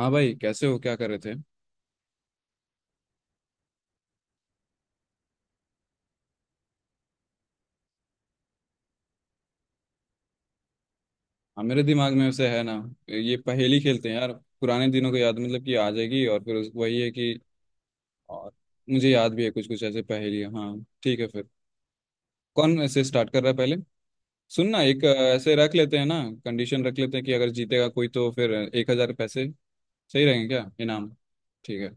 हाँ भाई, कैसे हो? क्या कर रहे थे? हाँ, मेरे दिमाग में वैसे है ना, ये पहेली खेलते हैं यार। पुराने दिनों को याद, मतलब कि आ जाएगी। और फिर वही है कि। और मुझे याद भी है कुछ कुछ ऐसे पहेली। हाँ, ठीक है फिर। कौन ऐसे स्टार्ट कर रहा है पहले? सुनना एक ऐसे रख लेते हैं ना, कंडीशन रख लेते हैं कि अगर जीतेगा कोई तो फिर 1000 पैसे सही रहेंगे? क्या इनाम? ठीक है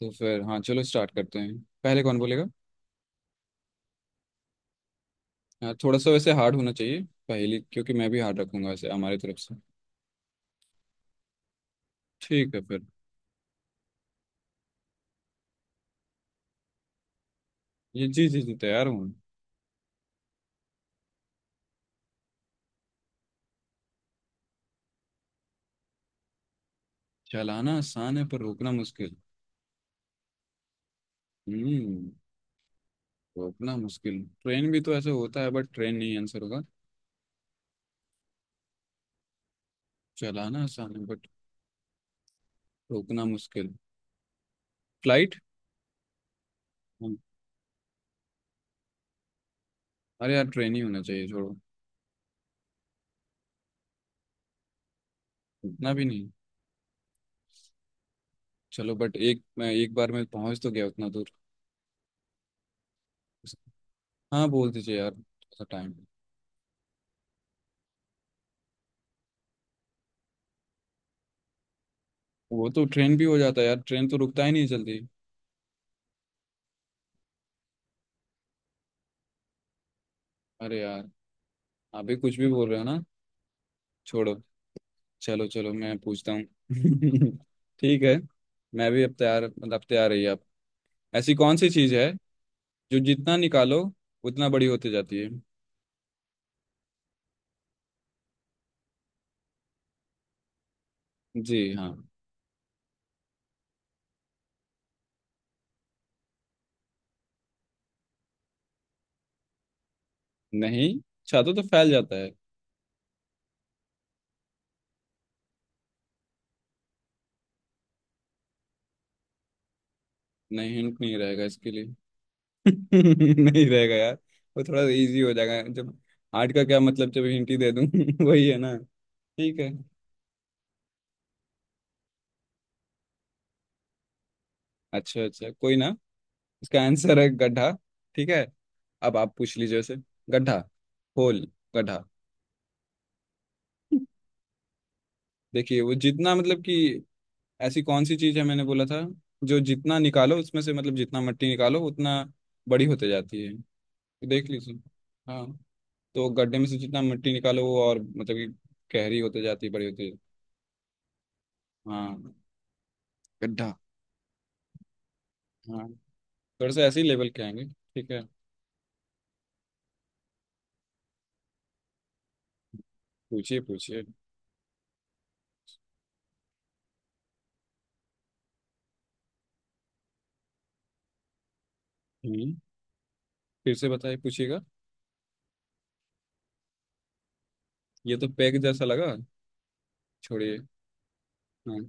तो फिर। हाँ चलो, स्टार्ट करते हैं। पहले कौन बोलेगा? हाँ, थोड़ा सा वैसे हार्ड होना चाहिए पहेली, क्योंकि मैं भी हार्ड रखूंगा वैसे हमारी तरफ से। ठीक है फिर। ये जी जी जी, तैयार हूँ। चलाना आसान है पर रोकना मुश्किल। हम्म। रोकना मुश्किल? ट्रेन भी तो ऐसे होता है, बट ट्रेन नहीं आंसर होगा। चलाना आसान है बट रोकना मुश्किल। फ्लाइट? अरे यार, ट्रेन ही होना चाहिए, छोड़ो। इतना भी नहीं? चलो, बट एक मैं एक बार में पहुंच तो गया उतना दूर। हाँ, बोल दीजिए यार, थोड़ा टाइम। वो तो ट्रेन भी हो जाता है यार, ट्रेन तो रुकता ही नहीं जल्दी। अरे यार, आप भी कुछ भी बोल रहे हो ना, छोड़ो। चलो चलो, मैं पूछता हूँ। ठीक है। मैं भी अब तैयार, मतलब अब तैयार रही आप। ऐसी कौन सी चीज है जो जितना निकालो उतना बड़ी होती जाती है? जी हाँ। नहीं, छातु तो फैल जाता है। नहीं, हिंट नहीं रहेगा इसके लिए। नहीं रहेगा यार। वो थोड़ा इजी हो जाएगा जब आर्ट का क्या मतलब जब हिंट ही दे दूं? वही है ना। ठीक है। अच्छा अच्छा, कोई ना। इसका आंसर है गड्ढा। ठीक है, अब आप पूछ लीजिए उसे। गड्ढा। होल। गड्ढा। देखिए वो जितना, मतलब कि ऐसी कौन सी चीज है मैंने बोला था जो जितना निकालो उसमें से, मतलब जितना मट्टी निकालो उतना बड़ी होते जाती है। देख ली उसने। हाँ, तो गड्ढे में से जितना मिट्टी निकालो वो और, मतलब कि गहरी होते जाती है, बड़ी होती है। हाँ। गड्ढा। हाँ। थोड़ा सा ऐसे ही लेवल के आएंगे, ठीक है। पूछिए पूछिए। हम्म। फिर से बताइए, पूछिएगा। ये तो पैग जैसा लगा, छोड़िए। हाँ,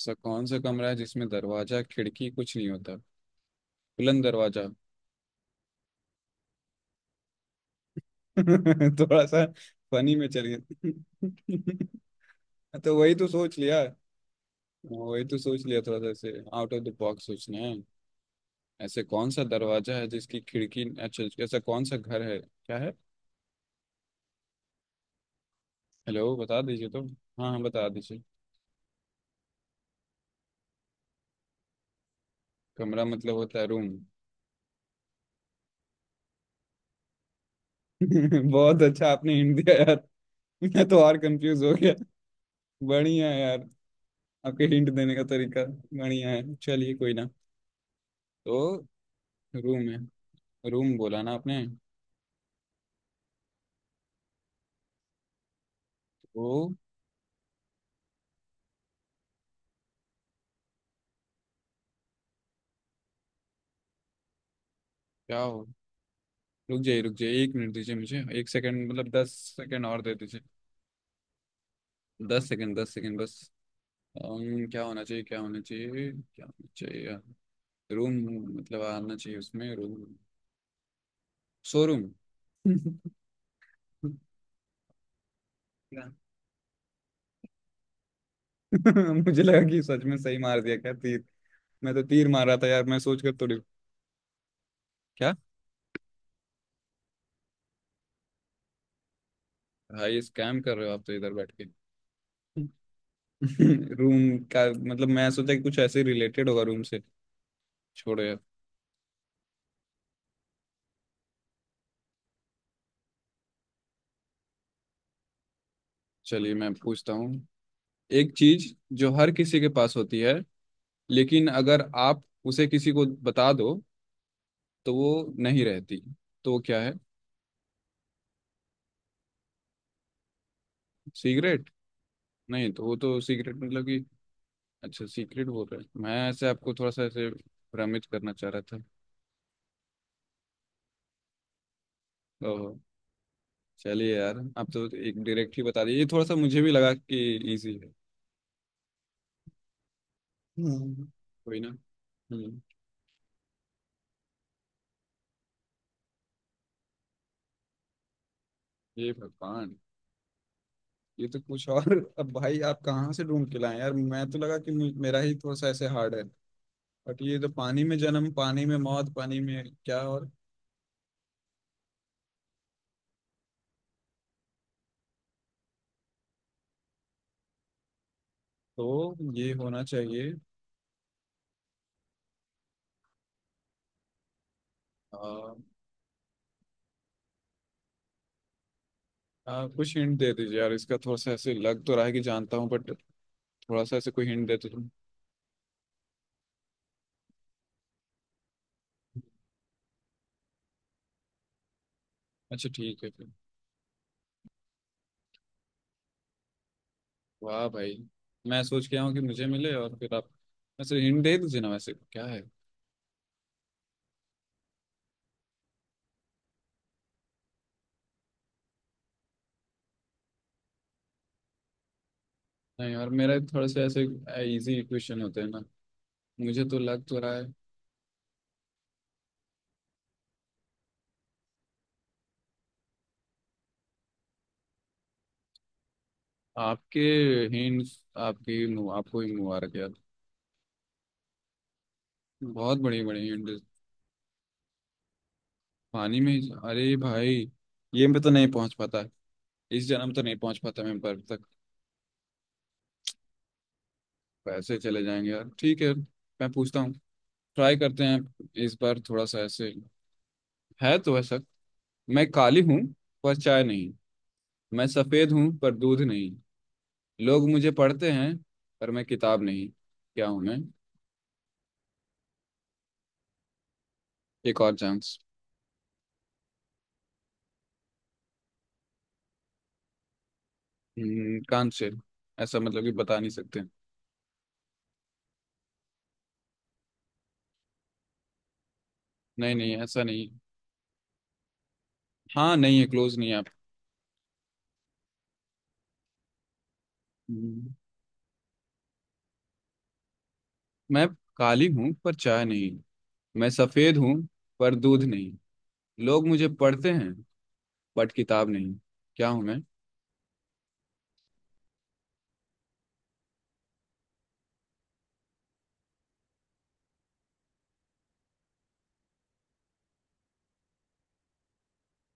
सा कौन सा कमरा है जिसमें दरवाजा खिड़की कुछ नहीं होता? बुलंद दरवाजा? थोड़ा सा फनी में चलिए। तो वही तो सोच लिया हाँ। वही तो सोच लिया, थोड़ा सा ऐसे आउट ऑफ द बॉक्स सोचना है। ऐसे कौन सा दरवाजा है जिसकी खिड़की? अच्छा, ऐसा कौन सा घर है? क्या है? हेलो, बता दीजिए तो। हाँ हाँ, बता दीजिए। कमरा मतलब होता है रूम। बहुत अच्छा आपने हिंट दिया यार। मैं तो और कंफ्यूज हो गया। बढ़िया है यार। आपके हिंट देने का तरीका बढ़िया है, चलिए कोई ना। तो रूम है। रूम बोला ना आपने। तो क्या हो? रुक जाइए रुक जाइए, एक मिनट दीजिए मुझे। एक सेकंड, मतलब 10 सेकंड और दे दीजिए। 10 सेकंड 10 सेकंड बस। क्या होना चाहिए, क्या होना चाहिए, क्या होना चाहिए? रूम मतलब आना चाहिए उसमें रूम। शोरूम। मुझे लगा कि सच में सही मार दिया क्या तीर। मैं तो तीर मार रहा था यार, मैं सोच कर थोड़ी। क्या? भाई स्कैम कर रहे हो आप तो इधर बैठ के। रूम का मतलब, मैं सोचा कि कुछ ऐसे रिलेटेड होगा रूम से। छोड़ो यार। चलिए मैं पूछता हूँ। एक चीज जो हर किसी के पास होती है, लेकिन अगर आप उसे किसी को बता दो तो वो नहीं रहती, तो वो क्या है? सिगरेट? नहीं, तो वो तो सिगरेट मतलब कि अच्छा सीक्रेट बोल रहे हैं, मैं ऐसे आपको थोड़ा सा ऐसे भ्रमित करना चाह रहा था। ओह, चलिए यार, आप तो एक डायरेक्ट ही बता दिए। ये थोड़ा सा मुझे भी लगा कि इजी है। हम्म। कोई ना। हम्म। ये भगवान। ये तो कुछ और। अब भाई, आप कहाँ से ढूंढ के लाए यार? मैं तो लगा कि मेरा ही थोड़ा सा ऐसे हार्ड है। बट ये तो पानी में जन्म, पानी में मौत, पानी में क्या और? तो ये होना चाहिए। आ, आ, कुछ हिंट दे दीजिए यार इसका। थोड़ा सा ऐसे लग तो रहा है कि जानता हूँ, बट थोड़ा सा ऐसे कोई हिंट दे दीजिए। अच्छा ठीक है फिर। वाह भाई, मैं सोच के आया हूँ कि मुझे मिले और फिर आप। वैसे हिंट दे दीजिए ना, वैसे क्या है? नहीं, और मेरा थोड़े से ऐसे इजी क्वेश्चन होते हैं ना, मुझे तो लग तो रहा है। आपके हिंट, आपकी आपको ही मुबारक यार। बहुत बड़ी बड़ी हिंट। पानी में अरे भाई, ये मैं तो नहीं पहुंच पाता। इस जन्म तो नहीं पहुंच पाता मैं बर्फ तक। पैसे चले जाएंगे यार। ठीक है, मैं पूछता हूँ, ट्राई करते हैं। इस बार थोड़ा सा ऐसे है तो वैसा। मैं काली हूँ पर चाय नहीं। मैं सफेद हूँ पर दूध नहीं। लोग मुझे पढ़ते हैं पर मैं किताब नहीं। क्या हूँ मैं? एक और चांस। कान से? ऐसा मतलब कि बता नहीं सकते। नहीं नहीं, ऐसा नहीं। हाँ, नहीं है, क्लोज नहीं है आप। हम्म, मैं काली हूँ पर चाय नहीं। मैं सफेद हूँ पर दूध नहीं। लोग मुझे पढ़ते हैं बट किताब नहीं। क्या हूँ मैं?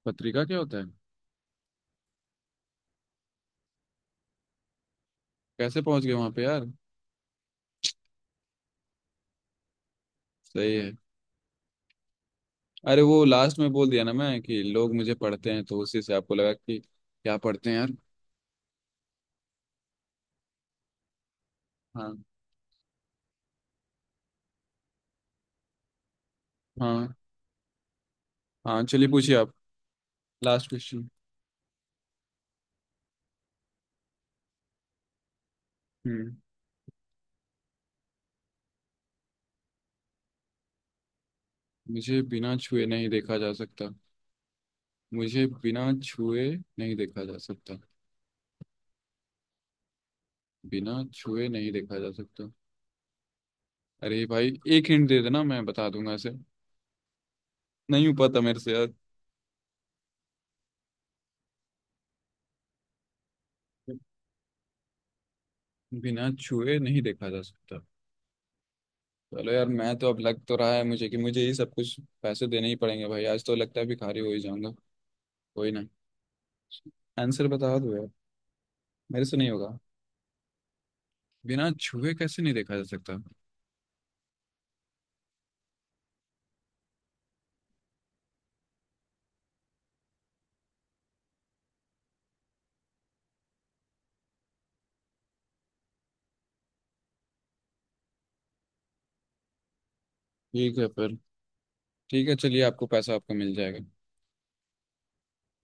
पत्रिका क्या होता है? कैसे पहुंच गए वहां पे यार! सही है। अरे वो लास्ट में बोल दिया ना मैं कि लोग मुझे पढ़ते हैं, तो उसी से आपको लगा कि क्या पढ़ते हैं यार। हाँ। हाँ हाँ, चलिए पूछिए आप। Last question. हम्म। मुझे बिना छुए नहीं देखा जा सकता? मुझे बिना छुए नहीं देखा जा सकता। बिना छुए नहीं देखा जा सकता। अरे भाई, एक हिंट दे देना, मैं बता दूंगा इसे। नहीं पता मेरे से यार। बिना छुए नहीं देखा जा सकता। चलो यार, मैं तो अब लग तो रहा है मुझे कि मुझे ये सब कुछ पैसे देने ही पड़ेंगे भाई। आज तो लगता है भिखारी हो ही जाऊंगा। कोई ना, आंसर बता दो यार, मेरे से नहीं होगा। बिना छुए कैसे नहीं देखा जा सकता? ठीक है फिर, ठीक है चलिए, आपको पैसा आपका मिल जाएगा।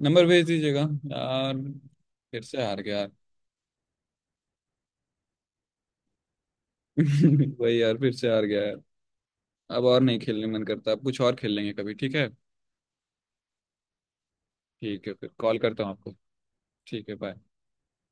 नंबर भेज दीजिएगा। यार, फिर से हार गया यार। वही यार, फिर से हार गया यार। अब और नहीं खेलने मन करता, अब कुछ और खेल लेंगे कभी, ठीक है। ठीक है फिर, कॉल करता हूँ आपको। ठीक है, बाय।